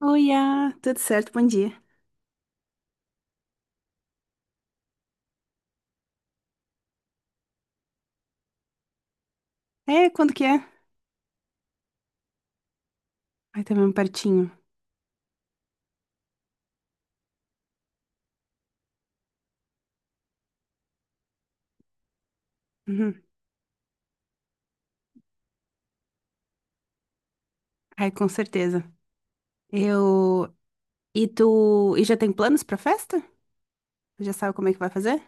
Oiá, tudo certo? Bom dia. É, quando que é? Ai, tá mesmo pertinho. Uhum. Ai, com certeza. Eu. E tu. E já tem planos pra festa? Tu já sabe como é que vai fazer?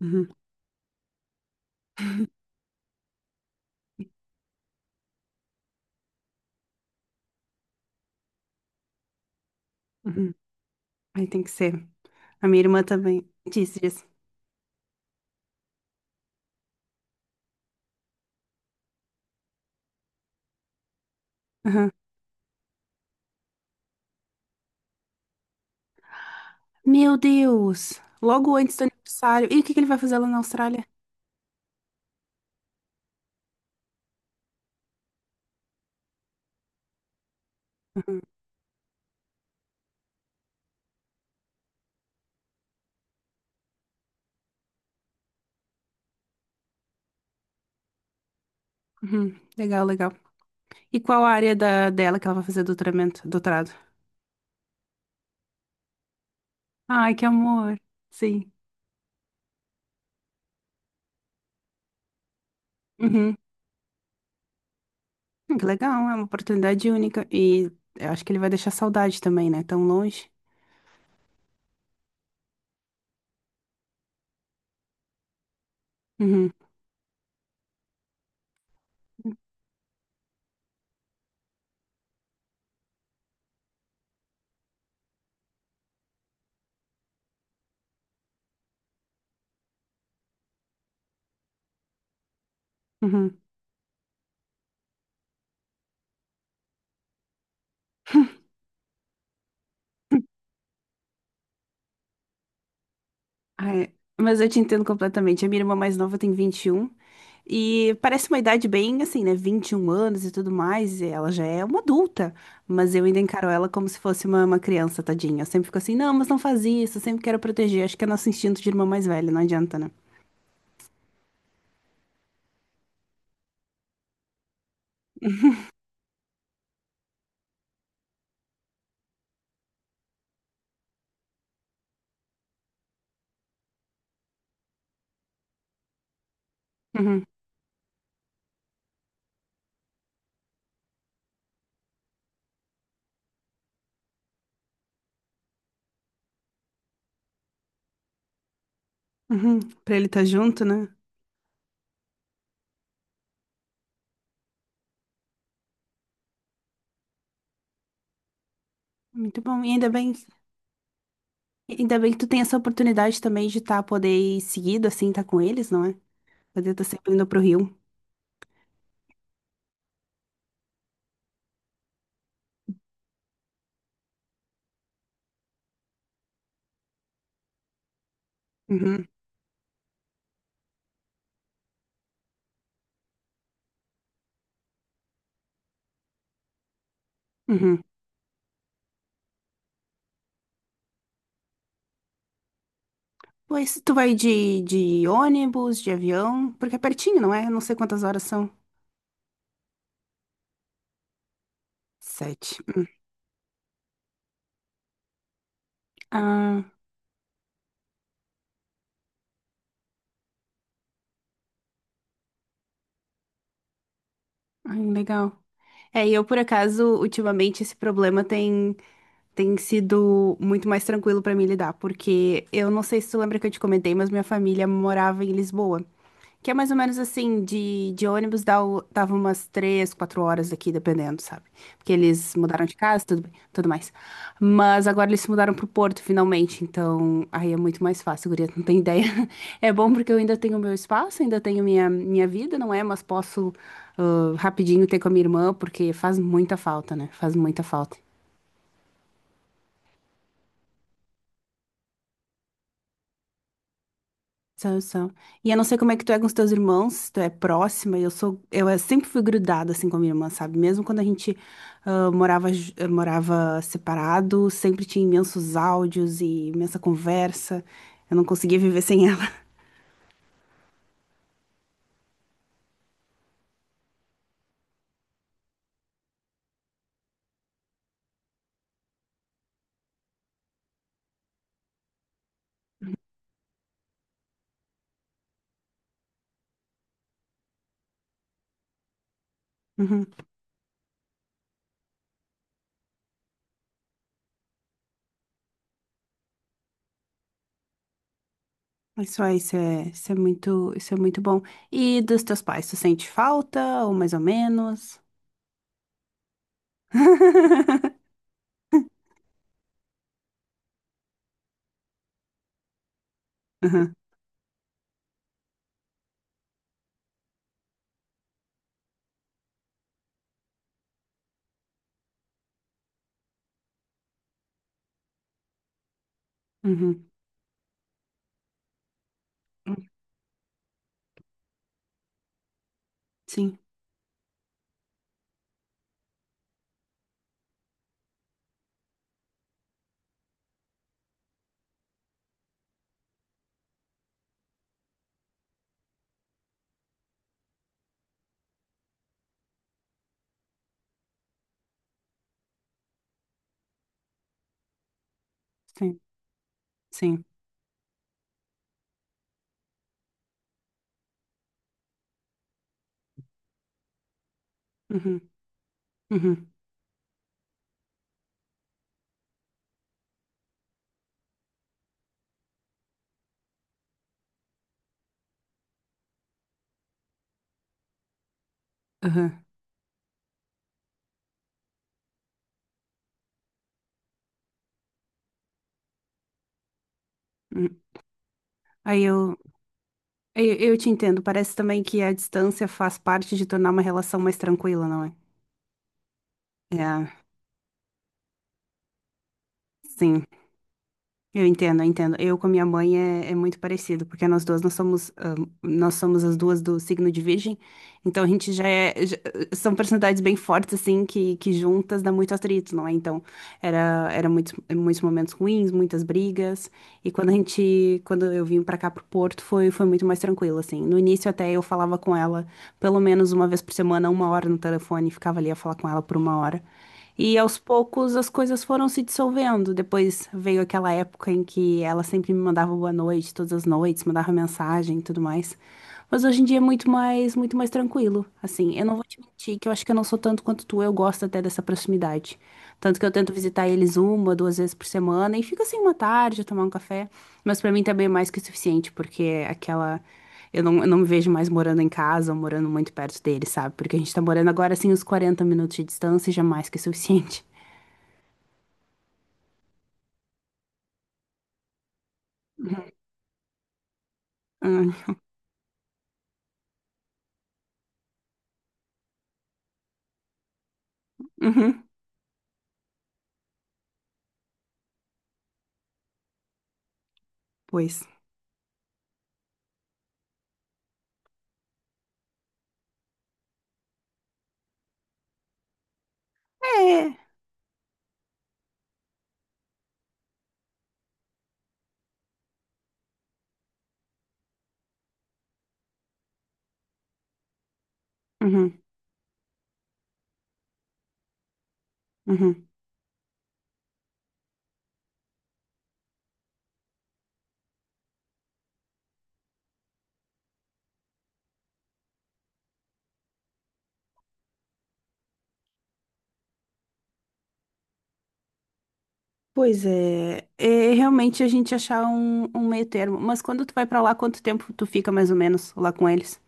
Uhum. Uhum. Aí tem que ser. A minha irmã também disse isso. Uhum. Meu Deus! Logo antes do aniversário. E o que que ele vai fazer lá na Austrália? Uhum. Uhum. Legal, legal. E qual a área dela que ela vai fazer doutorado? Ai, que amor. Sim. Uhum. Que legal, é uma oportunidade única. E eu acho que ele vai deixar saudade também, né? Tão longe. Uhum, uhum. Ah, é. Mas eu te entendo completamente. A minha irmã mais nova tem 21 e parece uma idade bem assim, né? 21 anos e tudo mais. E ela já é uma adulta, mas eu ainda encaro ela como se fosse uma criança, tadinha. Eu sempre fico assim, não, mas não faz isso. Eu sempre quero proteger. Acho que é nosso instinto de irmã mais velha, não adianta, né? Uhum, uhum. Pra ele estar junto, né? Muito bom. E ainda bem. Ainda bem que tu tem essa oportunidade também de estar poder ir seguido, assim, tá com eles, não é? Poder estar sempre indo pro Rio. Uhum, uhum. Pois tu vai de ônibus, de avião, porque é pertinho, não é? Eu não sei quantas horas são. Sete. Ah, ai, legal. É, e eu, por acaso, ultimamente, esse problema tem. Tem sido muito mais tranquilo pra mim lidar, porque eu não sei se tu lembra que eu te comentei, mas minha família morava em Lisboa, que é mais ou menos assim, de ônibus dava umas 3, 4 horas daqui, dependendo, sabe? Porque eles mudaram de casa, tudo bem, tudo mais. Mas agora eles se mudaram pro Porto, finalmente, então aí é muito mais fácil, guria, tu não tem ideia. É bom porque eu ainda tenho meu espaço, ainda tenho minha vida, não é? Mas posso, ah, rapidinho ter com a minha irmã, porque faz muita falta, né? Faz muita falta. São, são. E eu não sei como é que tu é com os teus irmãos, se tu é próxima, e eu sempre fui grudada assim com a minha irmã, sabe? Mesmo quando a gente ah, morava separado, sempre tinha imensos áudios e imensa conversa. Eu não conseguia viver sem ela. Uhum. Mas só isso é, isso é muito bom. E dos teus pais, tu sente falta ou mais ou menos? Uhum, uhum. Sim, sim, sim. Uhum, uhum, uhum. Uhum. Aí eu eu te entendo. Parece também que a distância faz parte de tornar uma relação mais tranquila, não é? É, sim. Eu entendo, eu entendo. Eu com a minha mãe é muito parecido, porque nós duas nós somos, ah, nós somos as duas do signo de Virgem, então a gente são personalidades bem fortes assim que juntas dá muito atrito, não é? Então era muitos, muitos momentos ruins, muitas brigas. E quando eu vim pra cá pro Porto, foi muito mais tranquilo, assim. No início até eu falava com ela pelo menos uma vez por semana, uma hora no telefone, ficava ali a falar com ela por uma hora. E aos poucos as coisas foram se dissolvendo. Depois veio aquela época em que ela sempre me mandava boa noite, todas as noites, mandava mensagem e tudo mais. Mas hoje em dia é muito mais tranquilo. Assim, eu não vou te mentir que eu acho que eu não sou tanto quanto tu, eu gosto até dessa proximidade. Tanto que eu tento visitar eles uma, duas vezes por semana e fica assim uma tarde, tomar um café. Mas pra mim também é mais que o suficiente, porque é aquela. Eu não me vejo mais morando em casa ou morando muito perto deles, sabe? Porque a gente tá morando agora assim uns 40 minutos de distância e já é mais que o suficiente. Hum, uhum, pois. É. Uhum, uhum. Pois é, é realmente a gente achar um meio termo. Mas quando tu vai pra lá, quanto tempo tu fica mais ou menos lá com eles?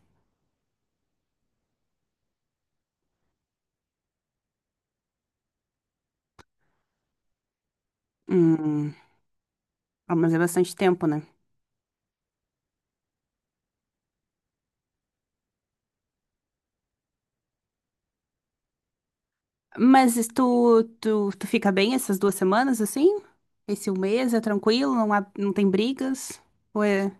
Hum, ah, mas é bastante tempo, né? Mas tu fica bem essas 2 semanas, assim? Esse 1 mês é tranquilo, não há, não tem brigas? Ou é...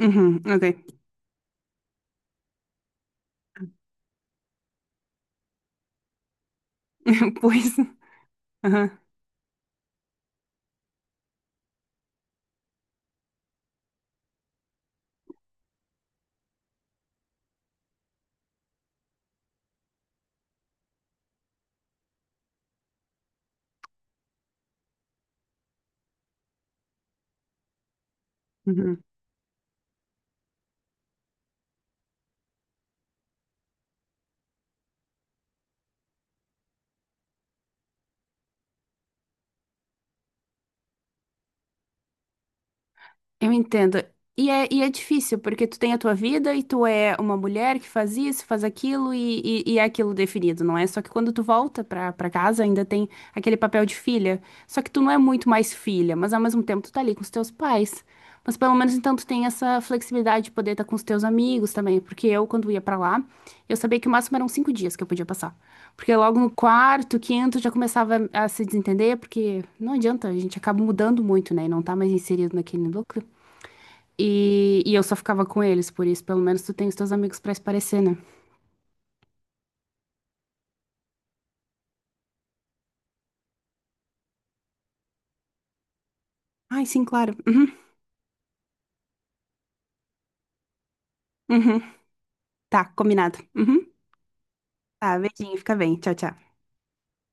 Uhum, ok. Pois. Aham. Uhum. Eu entendo. E é difícil, porque tu tem a tua vida e tu é uma mulher que faz isso, faz aquilo e é aquilo definido, não é? Só que quando tu volta pra casa ainda tem aquele papel de filha. Só que tu não é muito mais filha, mas ao mesmo tempo tu tá ali com os teus pais. Mas pelo menos então tu tem essa flexibilidade de poder estar com os teus amigos também, porque eu, quando ia pra lá, eu sabia que o máximo eram 5 dias que eu podia passar. Porque logo no quarto, quinto, já começava a se desentender, porque não adianta, a gente acaba mudando muito, né? E não tá mais inserido naquele núcleo. E eu só ficava com eles, por isso pelo menos tu tem os teus amigos pra esparecer, né? Ai, sim, claro. Uhum, uhum. Tá, combinado. Uhum. Tá, beijinho, fica bem. Tchau, tchau.